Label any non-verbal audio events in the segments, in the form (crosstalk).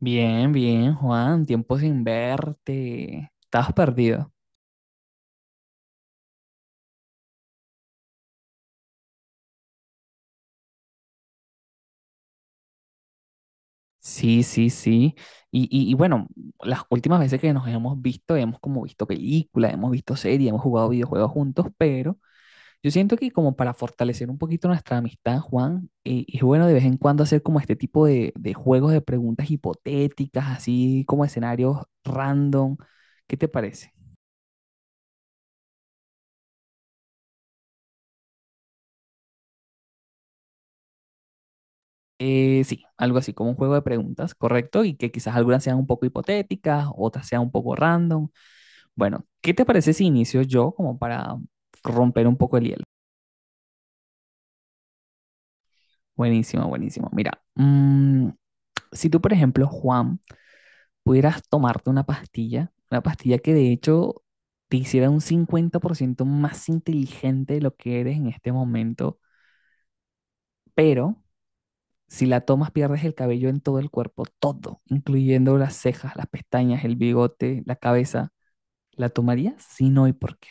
Bien, bien, Juan, tiempo sin verte. Estabas perdido. Sí, sí, sí. Y bueno, las últimas veces que nos hemos visto, hemos como visto películas, hemos visto series, hemos jugado videojuegos juntos, pero yo siento que como para fortalecer un poquito nuestra amistad, Juan, es bueno de vez en cuando hacer como este tipo de juegos de preguntas hipotéticas, así como escenarios random. ¿Qué te parece? Sí, algo así como un juego de preguntas, correcto, y que quizás algunas sean un poco hipotéticas, otras sean un poco random. Bueno, ¿qué te parece si inicio yo como para romper un poco el hielo? Buenísimo, buenísimo. Mira, si tú, por ejemplo, Juan, pudieras tomarte una pastilla que de hecho te hiciera un 50% más inteligente de lo que eres en este momento, pero si la tomas pierdes el cabello en todo el cuerpo, todo, incluyendo las cejas, las pestañas, el bigote, la cabeza. ¿La tomaría? Sí, no, ¿y por qué?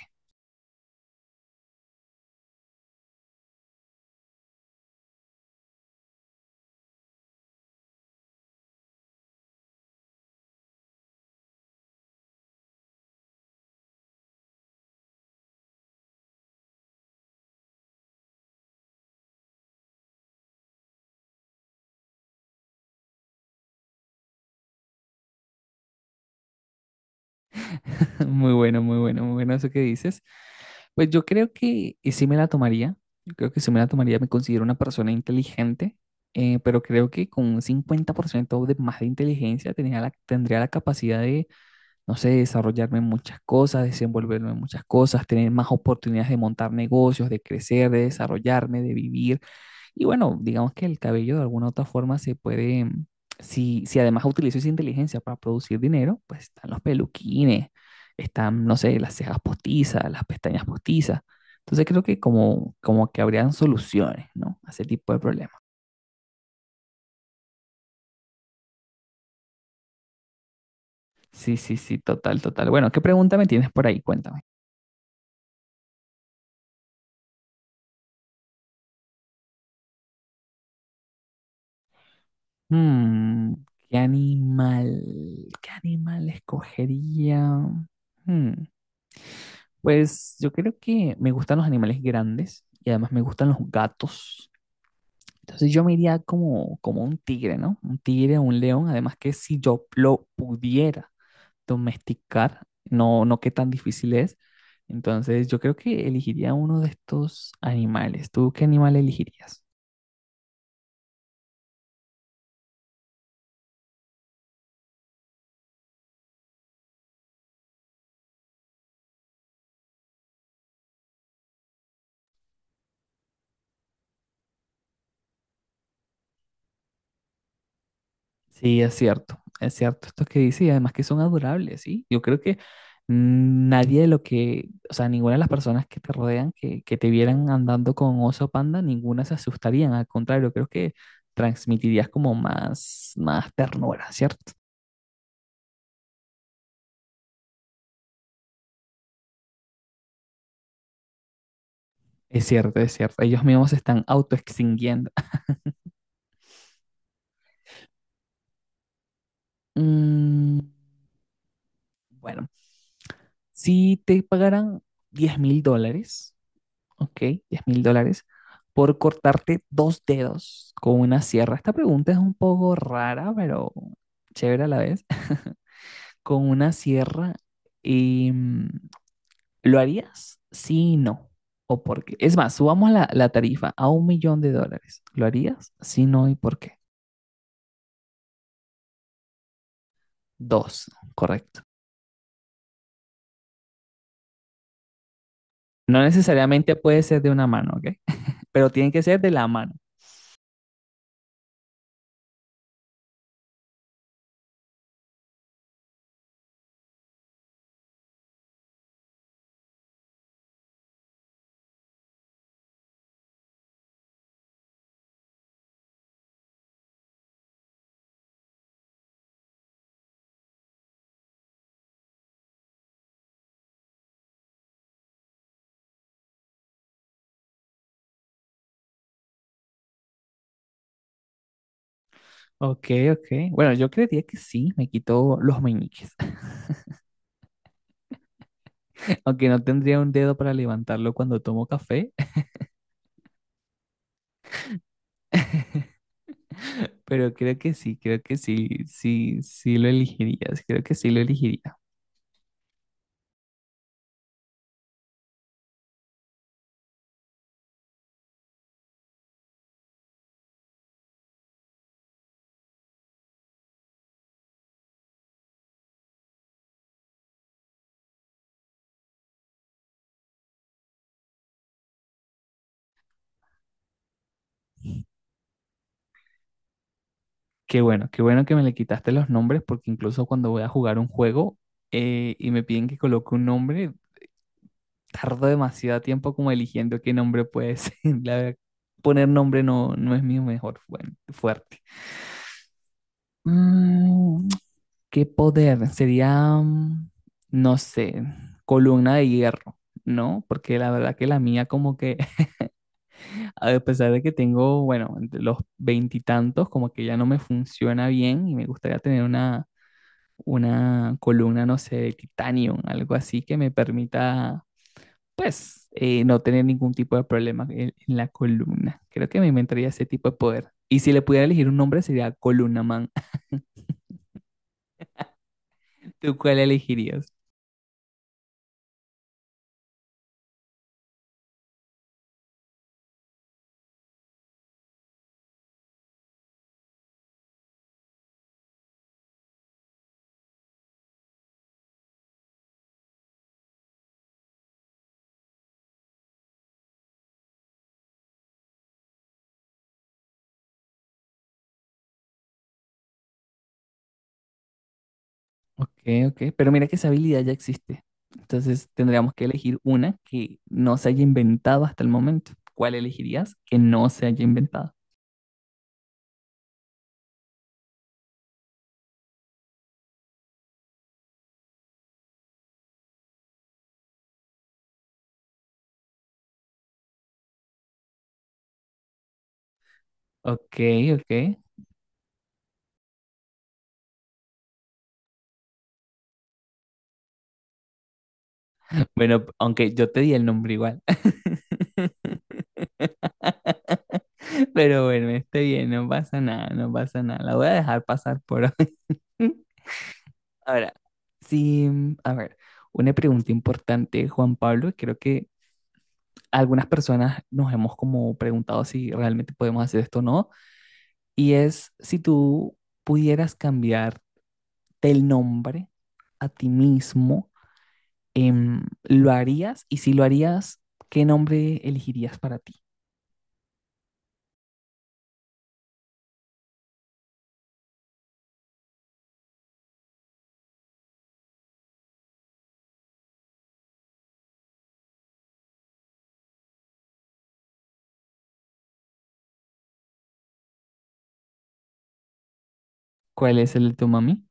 (laughs) Muy bueno, muy bueno, muy bueno eso que dices. Pues yo creo que sí me la tomaría. Yo creo que sí me la tomaría. Me considero una persona inteligente, pero creo que con un 50% de más de inteligencia tendría la capacidad de, no sé, desarrollarme en muchas cosas, desenvolverme en muchas cosas, tener más oportunidades de montar negocios, de crecer, de desarrollarme, de vivir. Y bueno, digamos que el cabello de alguna u otra forma se puede, si, si además utilizo esa inteligencia para producir dinero, pues están los peluquines, están, no sé, las cejas postizas, las pestañas postizas. Entonces creo que como, como que habrían soluciones, ¿no? A ese tipo de problemas. Sí, sí, sí, total, total. Bueno, ¿qué pregunta me tienes por ahí? Cuéntame. Mm, ¿qué animal, qué animal escogería? Mm. Pues yo creo que me gustan los animales grandes y además me gustan los gatos. Entonces yo me iría como, como un tigre, ¿no? Un tigre o un león. Además que si yo lo pudiera domesticar, no, no qué tan difícil es. Entonces yo creo que elegiría uno de estos animales. ¿Tú qué animal elegirías? Sí, es cierto esto que dice y además que son adorables, ¿sí? Yo creo que nadie de lo que, o sea, ninguna de las personas que te rodean, que te vieran andando con oso panda, ninguna se asustarían, al contrario, creo que transmitirías como más, más ternura, ¿cierto? Es cierto, es cierto, ellos mismos se están autoextinguiendo. (laughs) Mm, bueno, si te pagaran $10,000, ok, $10,000, por cortarte dos dedos con una sierra. Esta pregunta es un poco rara, pero chévere a la vez. (laughs) Con una sierra, y, ¿lo harías? Sí, y no. ¿O por qué? Es más, subamos la tarifa a $1,000,000. ¿Lo harías? Sí, no, ¿y por qué? Dos, correcto. No necesariamente puede ser de una mano, ¿ok? (laughs) Pero tiene que ser de la mano. Ok, ok. Bueno, yo creería que sí, me quitó los meñiques. Aunque no tendría un dedo para levantarlo cuando tomo café, (laughs) pero creo que sí, sí, sí lo elegirías, creo que sí lo elegiría. Qué bueno que me le quitaste los nombres, porque incluso cuando voy a jugar un juego y me piden que coloque un nombre, tardo demasiado tiempo como eligiendo qué nombre puede ser. (laughs) La verdad, poner nombre no, no es mi mejor fuerte. Mm, ¿Qué poder? Sería, no sé, columna de hierro. No, porque la verdad que la mía como que, (laughs) a pesar de que tengo, bueno, entre los veintitantos, como que ya no me funciona bien y me gustaría tener una columna, no sé, de titanio, algo así que me permita pues, no tener ningún tipo de problema en la columna. Creo que me inventaría ese tipo de poder. Y si le pudiera elegir un nombre sería Columna Man. (laughs) ¿Tú cuál elegirías? Ok, ok. Pero mira que esa habilidad ya existe. Entonces tendríamos que elegir una que no se haya inventado hasta el momento. ¿Cuál elegirías que no se haya inventado? Ok, ok. Bueno, aunque yo te di el nombre igual. (laughs) Pero bueno, esté bien, no pasa nada, no pasa nada. La voy a dejar pasar por hoy. (laughs) Ahora, sí, a ver, una pregunta importante, Juan Pablo, creo que algunas personas nos hemos como preguntado si realmente podemos hacer esto o no, y es si tú pudieras cambiarte el nombre a ti mismo, ¿lo harías? Y si lo harías, ¿qué nombre elegirías para ti? ¿Cuál es el de tu mami?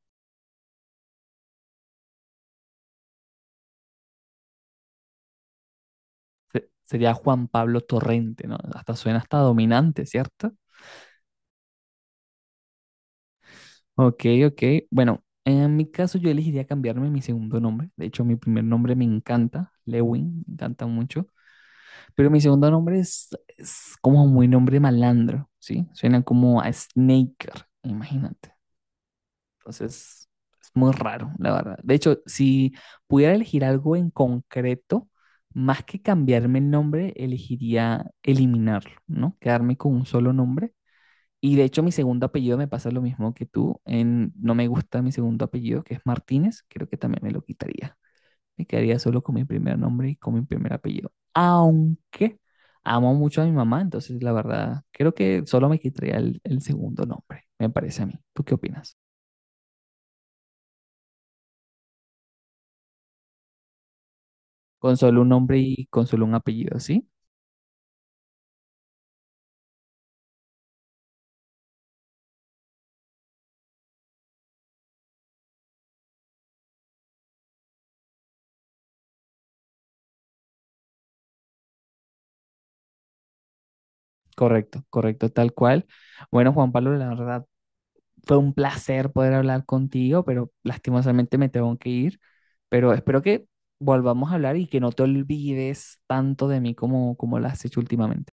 Sería Juan Pablo Torrente, ¿no? Hasta suena hasta dominante, ¿cierto? Ok, ok. Bueno, en mi caso yo elegiría cambiarme mi segundo nombre. De hecho, mi primer nombre me encanta, Lewin, me encanta mucho. Pero mi segundo nombre es como muy nombre malandro, ¿sí? Suena como a Snaker, imagínate. Entonces, es muy raro, la verdad. De hecho, si pudiera elegir algo en concreto, más que cambiarme el nombre, elegiría eliminarlo, ¿no? Quedarme con un solo nombre y de hecho mi segundo apellido me pasa lo mismo que tú. En, no me gusta mi segundo apellido, que es Martínez. Creo que también me lo quitaría. Me quedaría solo con mi primer nombre y con mi primer apellido. Aunque amo mucho a mi mamá, entonces la verdad, creo que solo me quitaría el segundo nombre, me parece a mí. ¿Tú qué opinas? Con solo un nombre y con solo un apellido, ¿sí? Correcto, correcto, tal cual. Bueno, Juan Pablo, la verdad, fue un placer poder hablar contigo, pero lastimosamente me tengo que ir. Pero espero que volvamos a hablar y que no te olvides tanto de mí como, como lo has hecho últimamente.